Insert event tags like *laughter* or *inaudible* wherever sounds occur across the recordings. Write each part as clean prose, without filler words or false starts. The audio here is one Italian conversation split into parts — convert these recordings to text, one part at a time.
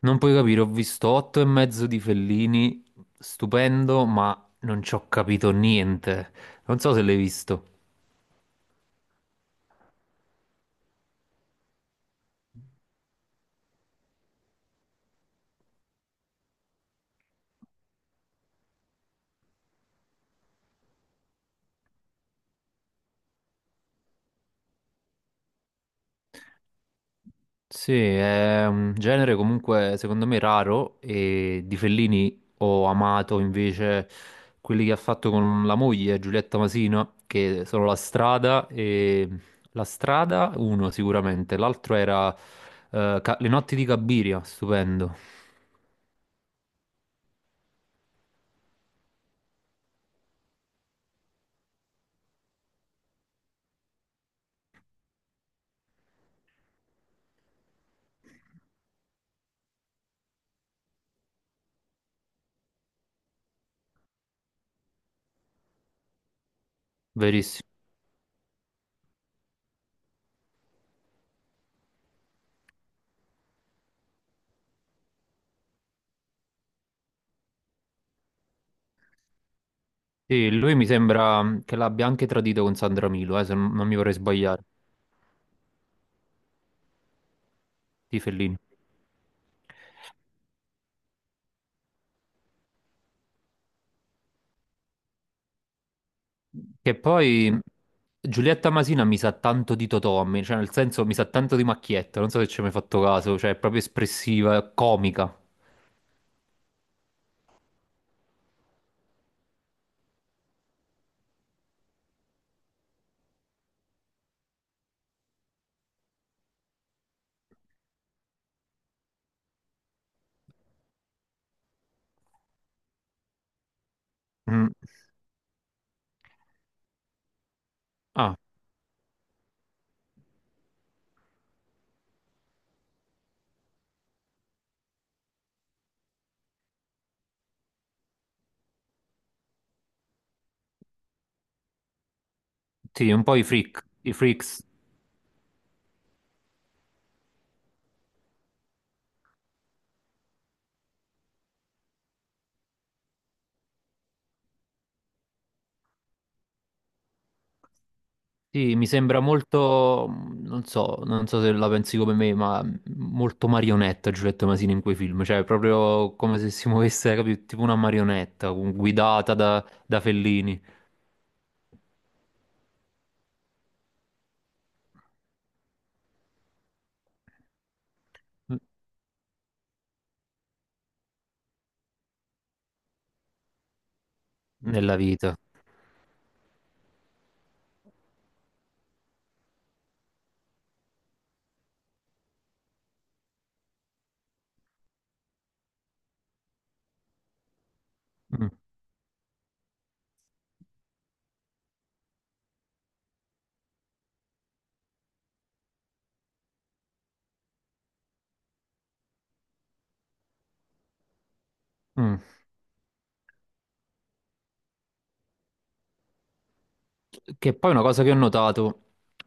Non puoi capire, ho visto otto e mezzo di Fellini, stupendo, ma non ci ho capito niente. Non so se l'hai visto. Sì, è un genere comunque secondo me raro e di Fellini ho amato invece quelli che ha fatto con la moglie Giulietta Masino, che sono La Strada e La Strada uno sicuramente, l'altro era Le notti di Cabiria, stupendo, verissimo. Sì, lui mi sembra che l'abbia anche tradito con Sandra Milo, se non mi vorrei sbagliare, di Fellini. Che poi Giulietta Masina mi sa tanto di Totò, a me, cioè nel senso mi sa tanto di Macchietta, non so se ci hai mai fatto caso, cioè è proprio espressiva, è comica. Mm. Ah, sì, un po' i freak, i freaks. Sì, mi sembra molto, non so, non so se la pensi come me, ma molto marionetta Giulietta Masini in quei film, cioè è proprio come se si muovesse, capito, tipo una marionetta guidata da, da Fellini nella vita. Mm, mm. Che poi è una cosa che ho notato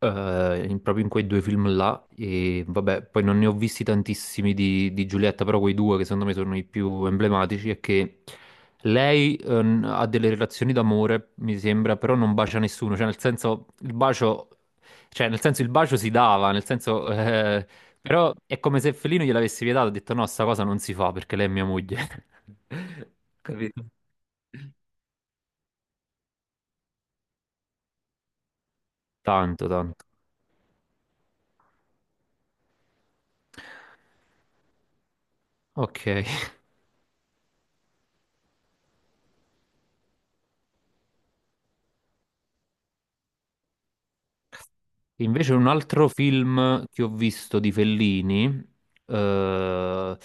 proprio in quei due film là, e vabbè, poi non ne ho visti tantissimi di Giulietta, però quei due che secondo me sono i più emblematici, è che lei ha delle relazioni d'amore, mi sembra, però non bacia nessuno, cioè nel senso il bacio, cioè, nel senso, il bacio si dava, nel senso, però è come se Fellino gliel'avesse vietato, ha detto no, sta cosa non si fa perché lei è mia moglie. *laughs* Capito? Tanto, tanto. Ok. Invece un altro film che ho visto di Fellini, eh,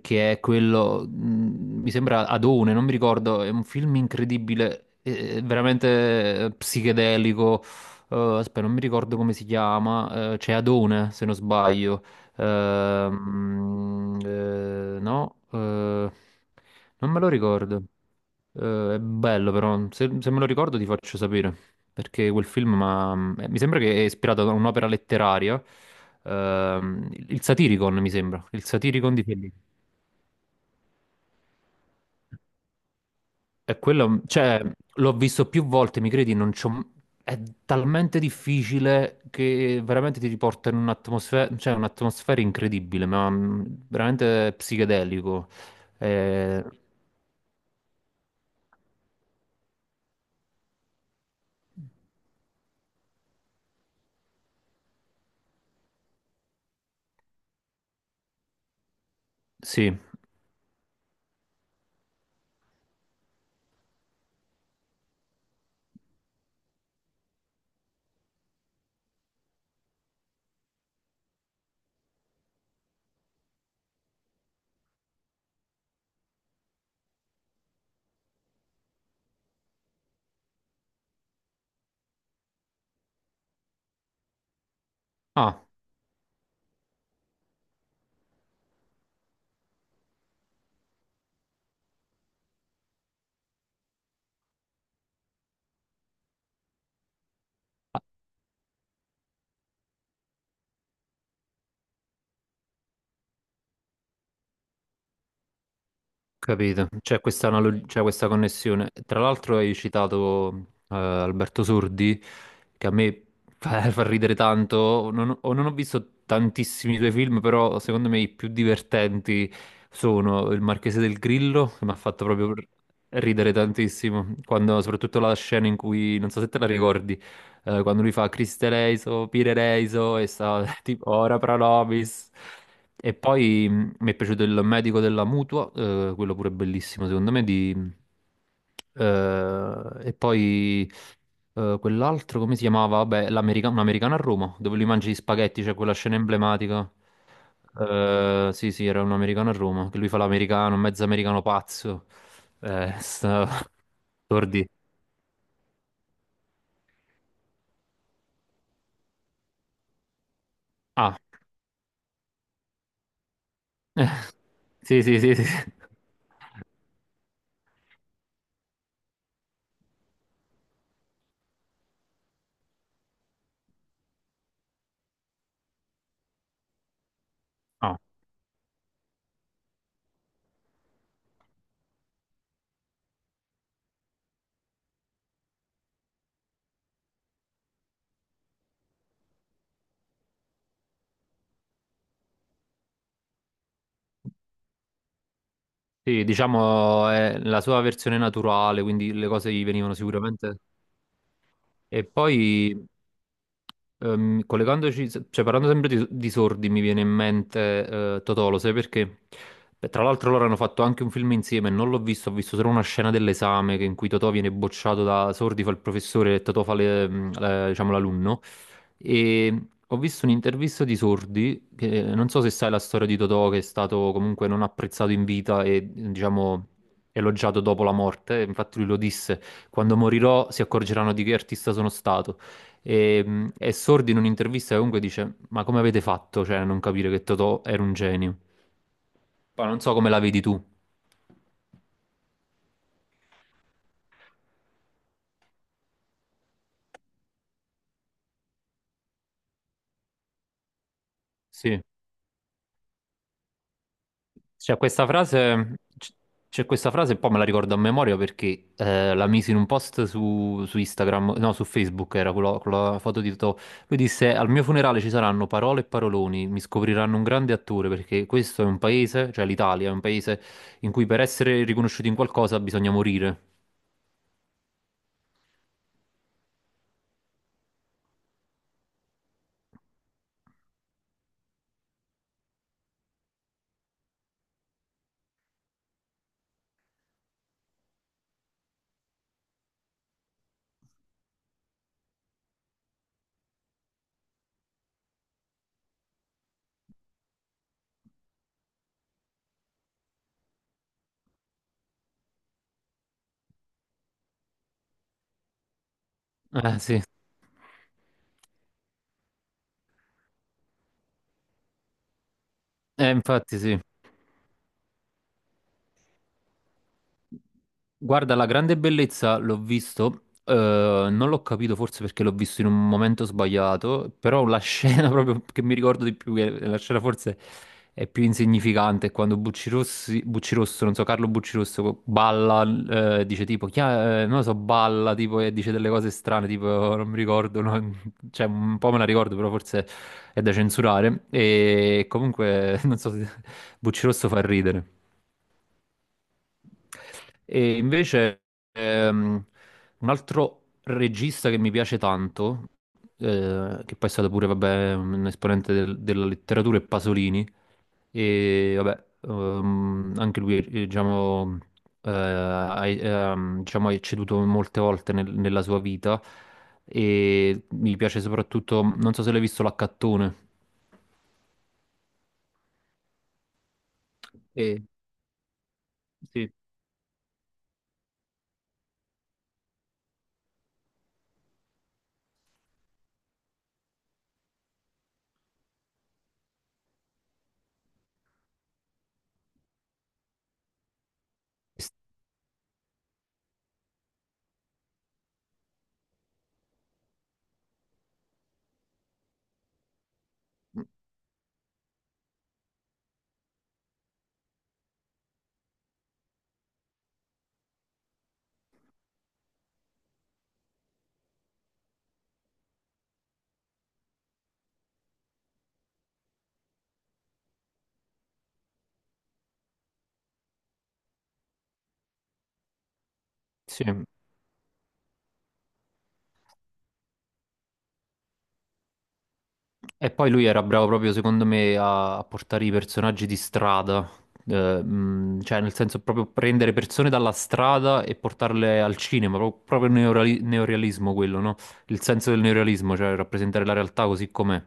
che è quello, mi sembra Adone, non mi ricordo, è un film incredibile, veramente psichedelico. Aspetta, non mi ricordo come si chiama, c'è Adone, se non sbaglio. No, non me lo ricordo. È bello però, se me lo ricordo ti faccio sapere perché quel film ma, mi sembra che è ispirato da un'opera letteraria, il Satiricon mi sembra, il Satiricon di Fellini. E quello, cioè, l'ho visto più volte, mi credi, non c'ho... è talmente difficile che veramente ti riporta in un'atmosfera, cioè un'atmosfera incredibile, ma veramente psichedelico. Eh, sì. Ah. Capito, c'è c'è questa connessione. Tra l'altro hai citato Alberto Sordi, che a me fa, *laughs* fa ridere tanto, non, ho non ho visto tantissimi suoi film, però secondo me i più divertenti sono Il Marchese del Grillo, che mi ha fatto ridere tantissimo, quando, soprattutto la scena in cui, non so se te la ricordi, quando lui fa Criste Reiso, Pire Reiso, e sta *laughs* tipo Ora pro nobis. E poi mi è piaciuto il medico della mutua, quello pure bellissimo secondo me. E poi quell'altro, come si chiamava? Vabbè, un americano a Roma, dove lui mangia gli spaghetti, c'è quella scena emblematica. Sì, sì, era un americano a Roma, che lui fa l'americano, un mezzo americano pazzo. *laughs* Sta... Tordi. Ah, sì, sì, sì, sì. sì. Ah, sì, diciamo è la sua versione naturale, quindi le cose gli venivano sicuramente... E poi, collegandoci, cioè parlando sempre di sordi, mi viene in mente Totò, lo sai perché? Beh, tra l'altro loro hanno fatto anche un film insieme, non l'ho visto, ho visto solo una scena dell'esame in cui Totò viene bocciato da Sordi, fa il professore e Totò fa le- mm, la- diciamo, l'alunno. E ho visto un'intervista di Sordi, che non so se sai la storia di Totò, che è stato comunque non apprezzato in vita e, diciamo, elogiato dopo la morte, infatti lui lo disse. Quando morirò si accorgeranno di che artista sono stato. E Sordi in un'intervista comunque dice: Ma come avete fatto, cioè, a non capire che Totò era un genio? Poi non so come la vedi tu. Sì. C'è questa frase, c- c'è questa frase e poi me la ricordo a memoria perché la misi in un post su, su Instagram, no, su Facebook era quella foto di Totò. Lui disse: Al mio funerale ci saranno parole e paroloni, mi scopriranno un grande attore perché questo è un paese, cioè l'Italia, è un paese in cui per essere riconosciuti in qualcosa bisogna morire. Eh sì, infatti sì. Guarda, la grande bellezza l'ho visto, non l'ho capito forse perché l'ho visto in un momento sbagliato, però la scena *laughs* proprio che mi ricordo di più, che la scena forse è più insignificante, è quando Bucci Rosso, non so, Carlo Bucci Rosso balla, dice tipo, non lo so, balla tipo e dice delle cose strane, tipo *laughs* non mi ricordo, no? Cioè un po' me la ricordo, però forse è da censurare e comunque *laughs* non so, se- Bucci Rosso fa ridere. E invece ehm, un altro regista che mi piace tanto, che poi è stato pure vabbè, un esponente della letteratura, è Pasolini, e vabbè, anche lui diciamo, ha, diciamo, ha ceduto molte volte nella sua vita e mi piace soprattutto, non so se l'hai visto, L'Accattone. Eh, sì. Sì, e poi lui era bravo proprio, secondo me, a, a portare i personaggi di strada. Cioè nel senso proprio prendere persone dalla strada e portarle al cinema, proprio, il neorealismo quello, no? Il senso del neorealismo, cioè rappresentare la realtà così com'è.